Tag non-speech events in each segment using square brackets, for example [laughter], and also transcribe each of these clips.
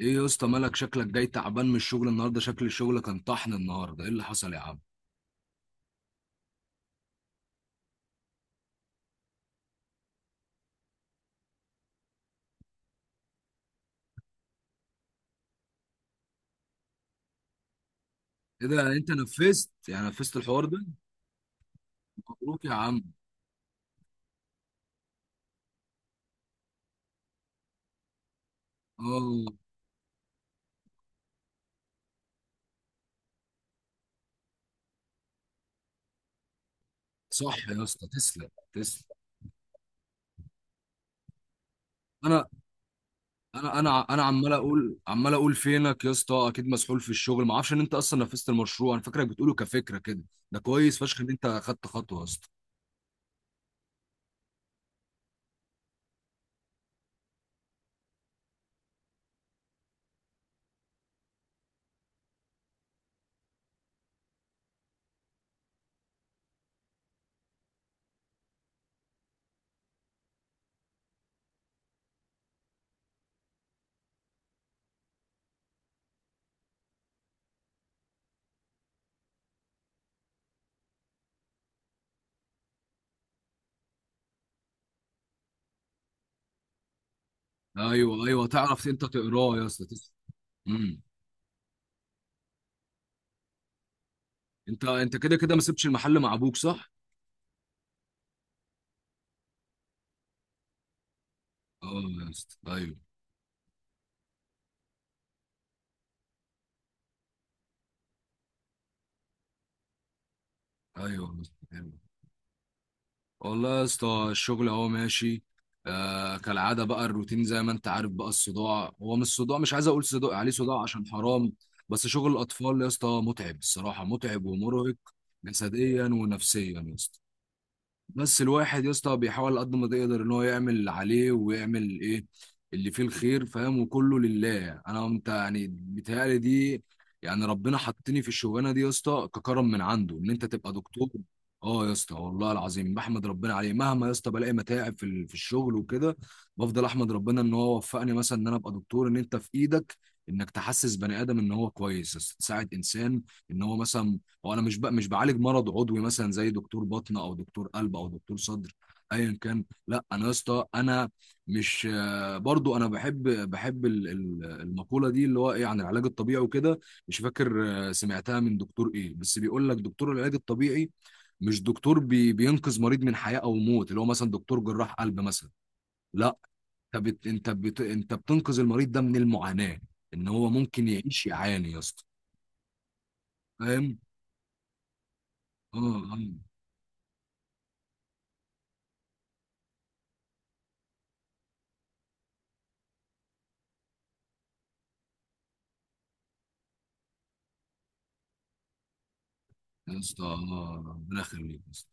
ايه يا اسطى مالك؟ شكلك جاي تعبان من الشغل النهارده. شكل الشغل كان طحن النهارده، ايه اللي حصل يا عم؟ ايه ده؟ يعني انت نفذت، يعني نفذت الحوار ده؟ مبروك يا عم. اه، صح يا اسطى، تسلم تسلم. انا انا عمال اقول عمال اقول فينك يا اسطى، اكيد مسحول في الشغل، ما اعرفش ان انت اصلا نفذت المشروع، انا فاكرك بتقوله كفكره كده. ده كويس فشخ ان انت خدت خطوه يا اسطى. ايوه ايوه، تعرف انت تقراه يا اسطى، تسلم. امم. انت كده كده ما سبتش المحل مع ابوك، صح؟ اه يا اسطى. ايوه ايوه يا اسطى. والله يا اسطى الشغل اهو ماشي. آه، كالعاده بقى، الروتين زي ما انت عارف بقى، الصداع، هو مش صداع، مش عايز اقول صداع عليه صداع عشان حرام. بس شغل الاطفال يا اسطى متعب الصراحه، متعب ومرهق. جسديا ونفسيا يا اسطى. بس الواحد يا اسطى بيحاول قد ما يقدر ان هو يعمل اللي عليه، ويعمل ايه اللي فيه الخير، فاهم؟ وكله لله. انا انت يعني بيتهيألي دي، يعني ربنا حطني في الشغلانه دي يا اسطى ككرم من عنده، ان انت تبقى دكتور. اه يا اسطى، والله العظيم بحمد ربنا عليه. مهما يا اسطى بلاقي متاعب في الشغل وكده، بفضل احمد ربنا ان هو وفقني مثلا ان انا ابقى دكتور، ان انت في ايدك انك تحسس بني ادم ان هو كويس يا اسطى، تساعد انسان ان هو مثلا، هو انا مش بعالج مرض عضوي مثلا زي دكتور بطن او دكتور قلب او دكتور صدر، ايا كان. لا انا يا اسطى انا مش آه، برضو انا بحب المقوله دي اللي هو ايه عن العلاج الطبيعي وكده. مش فاكر، سمعتها من دكتور ايه، بس بيقول لك دكتور العلاج الطبيعي مش دكتور بينقذ مريض من حياه او موت اللي هو مثلا دكتور جراح قلب مثلا. لا، انت بتنقذ المريض ده من المعاناه، ان هو ممكن يعيش يعاني يا اسطى، فاهم؟ اه، آه. يا اسطى آه، ربنا يخليك يا اسطى.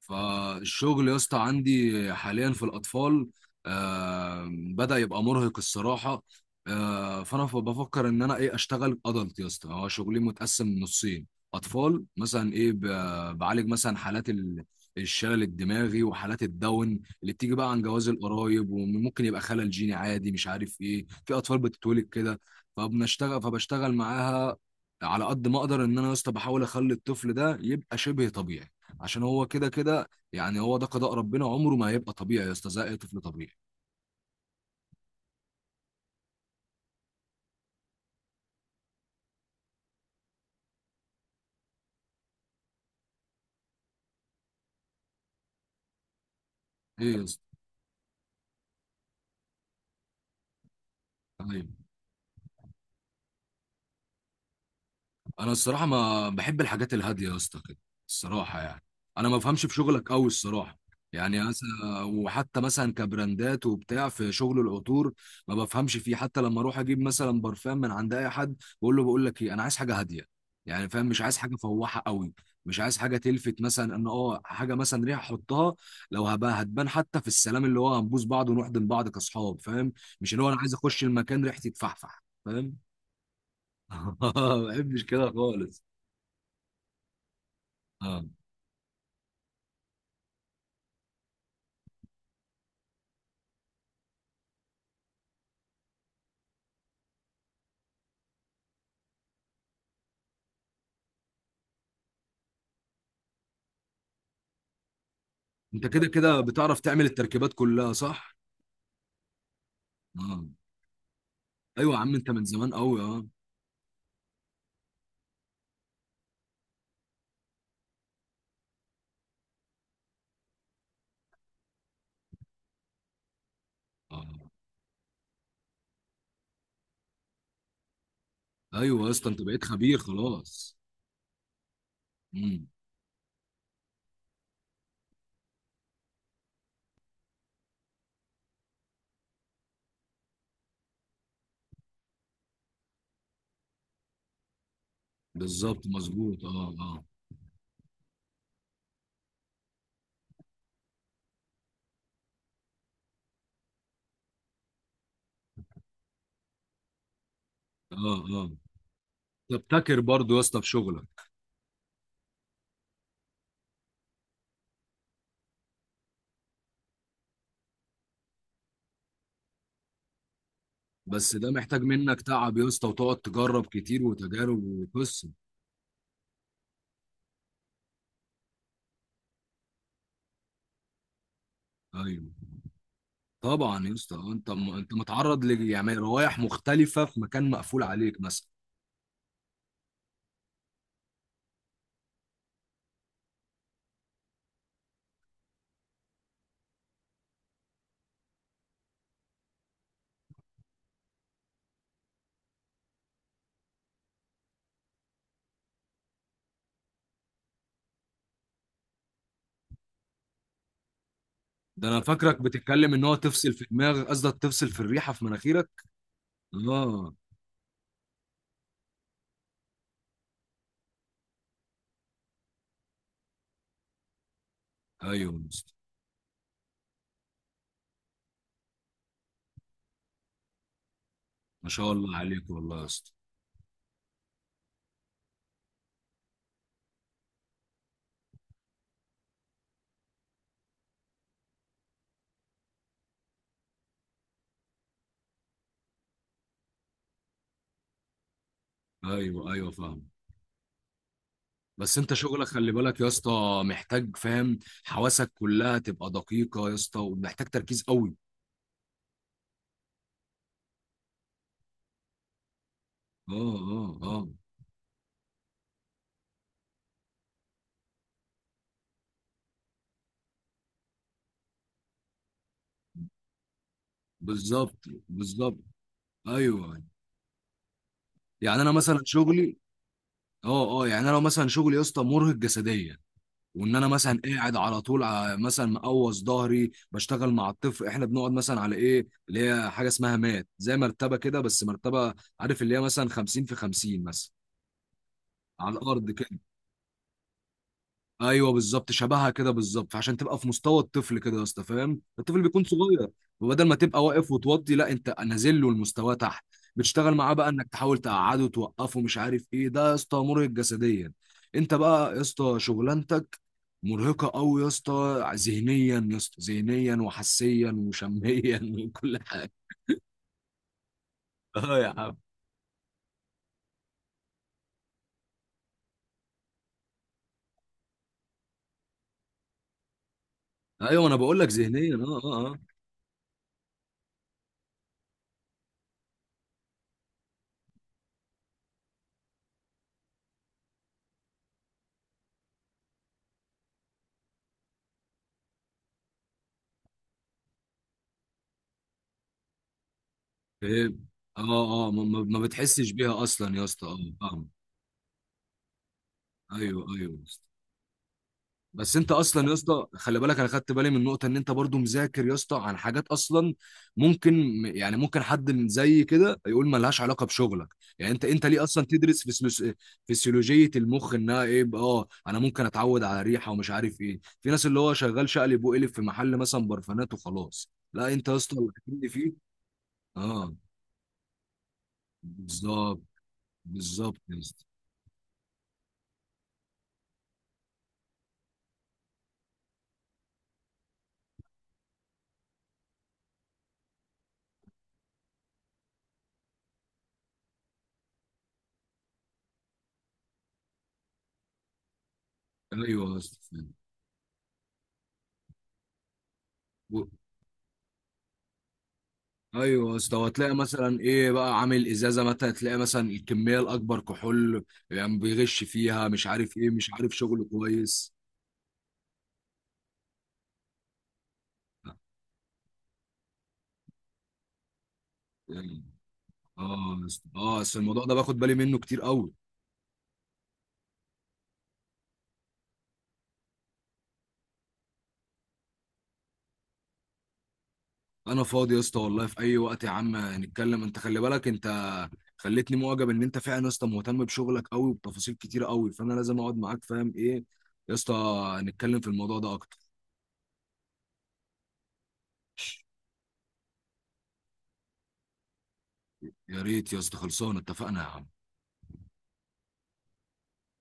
فالشغل يا اسطى عندي حاليا في الاطفال بدأ يبقى مرهق الصراحه. آه، فانا بفكر ان انا ايه، اشتغل ادلت يا اسطى. هو شغلي متقسم نصين، اطفال مثلا، ايه، بعالج مثلا حالات الشلل الدماغي وحالات الداون اللي بتيجي بقى عن جواز القرايب، وممكن يبقى خلل جيني عادي، مش عارف ايه، في اطفال بتتولد كده. فبشتغل معاها على قد ما اقدر، ان انا يا اسطى بحاول اخلي الطفل ده يبقى شبه طبيعي، عشان هو كده كده يعني، هو ده قضاء ربنا، عمره ما هيبقى طبيعي يا اسطى زي اي طفل طبيعي. ايه يا اسطى؟ أيوة. انا الصراحه ما بحب الحاجات الهاديه يا اسطى كده، الصراحه يعني. انا ما بفهمش في شغلك قوي الصراحه، يعني مثلا، وحتى مثلا كبراندات وبتاع في شغل العطور ما بفهمش فيه. حتى لما اروح اجيب مثلا برفان من عند اي حد، بقول لك ايه، انا عايز حاجه هاديه، يعني، فاهم؟ مش عايز حاجه فواحه قوي، مش عايز حاجه تلفت، مثلا ان حاجه مثلا ريحه احطها لو هبقى، هتبان حتى في السلام اللي هو هنبوس بعض ونحضن بعض كاصحاب، فاهم؟ مش اللي هو انا عايز اخش المكان ريحتي تفحفح، فاهم؟ [laughs] ما بحبش كده خالص. اه، انت كده كده بتعرف تعمل التركيبات كلها، صح؟ اه، ايوه يا عم، انت من زمان قوي. اه اه، ايوه يا اسطى، انت بقيت خبير خلاص. امم. بالظبط، مظبوط، اه اه اه. اه، تبتكر برضه يا اسطى في شغلك. بس ده محتاج منك تعب يا اسطى، وتقعد تجرب كتير، وتجارب وقصه. ايوه. طبعا يا اسطى. انت متعرض ل، يعني، روايح مختلفه في مكان مقفول عليك مثلا. ده انا فاكرك بتتكلم ان هو تفصل في دماغك، قصدك تفصل في الريحه في مناخيرك. اه، ايوه يا اسطى. ما شاء الله عليك والله يا اسطى. ايوه ايوه، فاهم. بس انت شغلك خلي بالك يا اسطى، محتاج، فاهم؟ حواسك كلها تبقى دقيقة يا اسطى، ومحتاج تركيز قوي. اه اه اه، بالظبط بالظبط، ايوه. يعني انا مثلا شغلي، اه اه، يعني انا لو مثلا شغلي يا اسطى مرهق جسديا، وان انا مثلا قاعد على طول، مثلا مقوص ظهري بشتغل مع الطفل، احنا بنقعد مثلا على ايه اللي هي حاجه اسمها مات زي مرتبه كده، بس مرتبه، عارف اللي هي مثلا 50 في 50 مثلا، على الارض كده. ايوه بالظبط، شبهها كده بالظبط، فعشان تبقى في مستوى الطفل كده يا اسطى، فاهم؟ الطفل بيكون صغير، وبدل ما تبقى واقف وتوضي، لا، انت نازل له المستوى تحت، بتشتغل معاه بقى انك تحاول تقعده، توقفه، مش عارف ايه، ده يا اسطى مرهق جسديا. انت بقى يا اسطى شغلانتك مرهقه قوي يا اسطى ذهنيا، يا اسطى ذهنيا وحسيا وشميا [laughs] وكل حاجه. اه يا عم. ايوه، انا بقول لك ذهنيا، اه اه اه. فاهم، اه اه، ما بتحسش بيها اصلا يا اسطى، اه. فاهم. ايوه ايوه. بس انت اصلا يا اسطى خلي بالك، انا خدت بالي من النقطه ان انت برضو مذاكر يا اسطى عن حاجات اصلا، ممكن، يعني ممكن حد من زي كده يقول ما لهاش علاقه بشغلك. يعني انت ليه اصلا تدرس فسلوس... فسيولوجيه المخ؟ انها ايه بقى، اه، انا ممكن اتعود على ريحه، ومش عارف ايه، في ناس اللي هو شغال شقلب وقلب في محل مثلا برفانات وخلاص، لا، انت يا اسطى. اللي فيه، اه، بالظبط بالظبط يا اسطى. ايوه يا اسطى. ايوه يا اسطى، وهتلاقي مثلا ايه بقى عامل ازازه، مثلا تلاقي مثلا الكميه الاكبر كحول، يعني بيغش فيها، مش عارف ايه، مش عارف شغل كويس يعني. اه يا اسطى اه، بس الموضوع ده باخد بالي منه كتير قوي. انا فاضي يا اسطى والله في اي وقت يا عم، نتكلم. انت خلي بالك، انت خليتني معجب ان انت فعلا يا اسطى مهتم بشغلك قوي وبتفاصيل كتيره قوي، فانا لازم اقعد معاك، فاهم ايه يا اسطى، نتكلم في الموضوع ده اكتر. يا ريت يا اسطى، خلصانه، اتفقنا يا عم.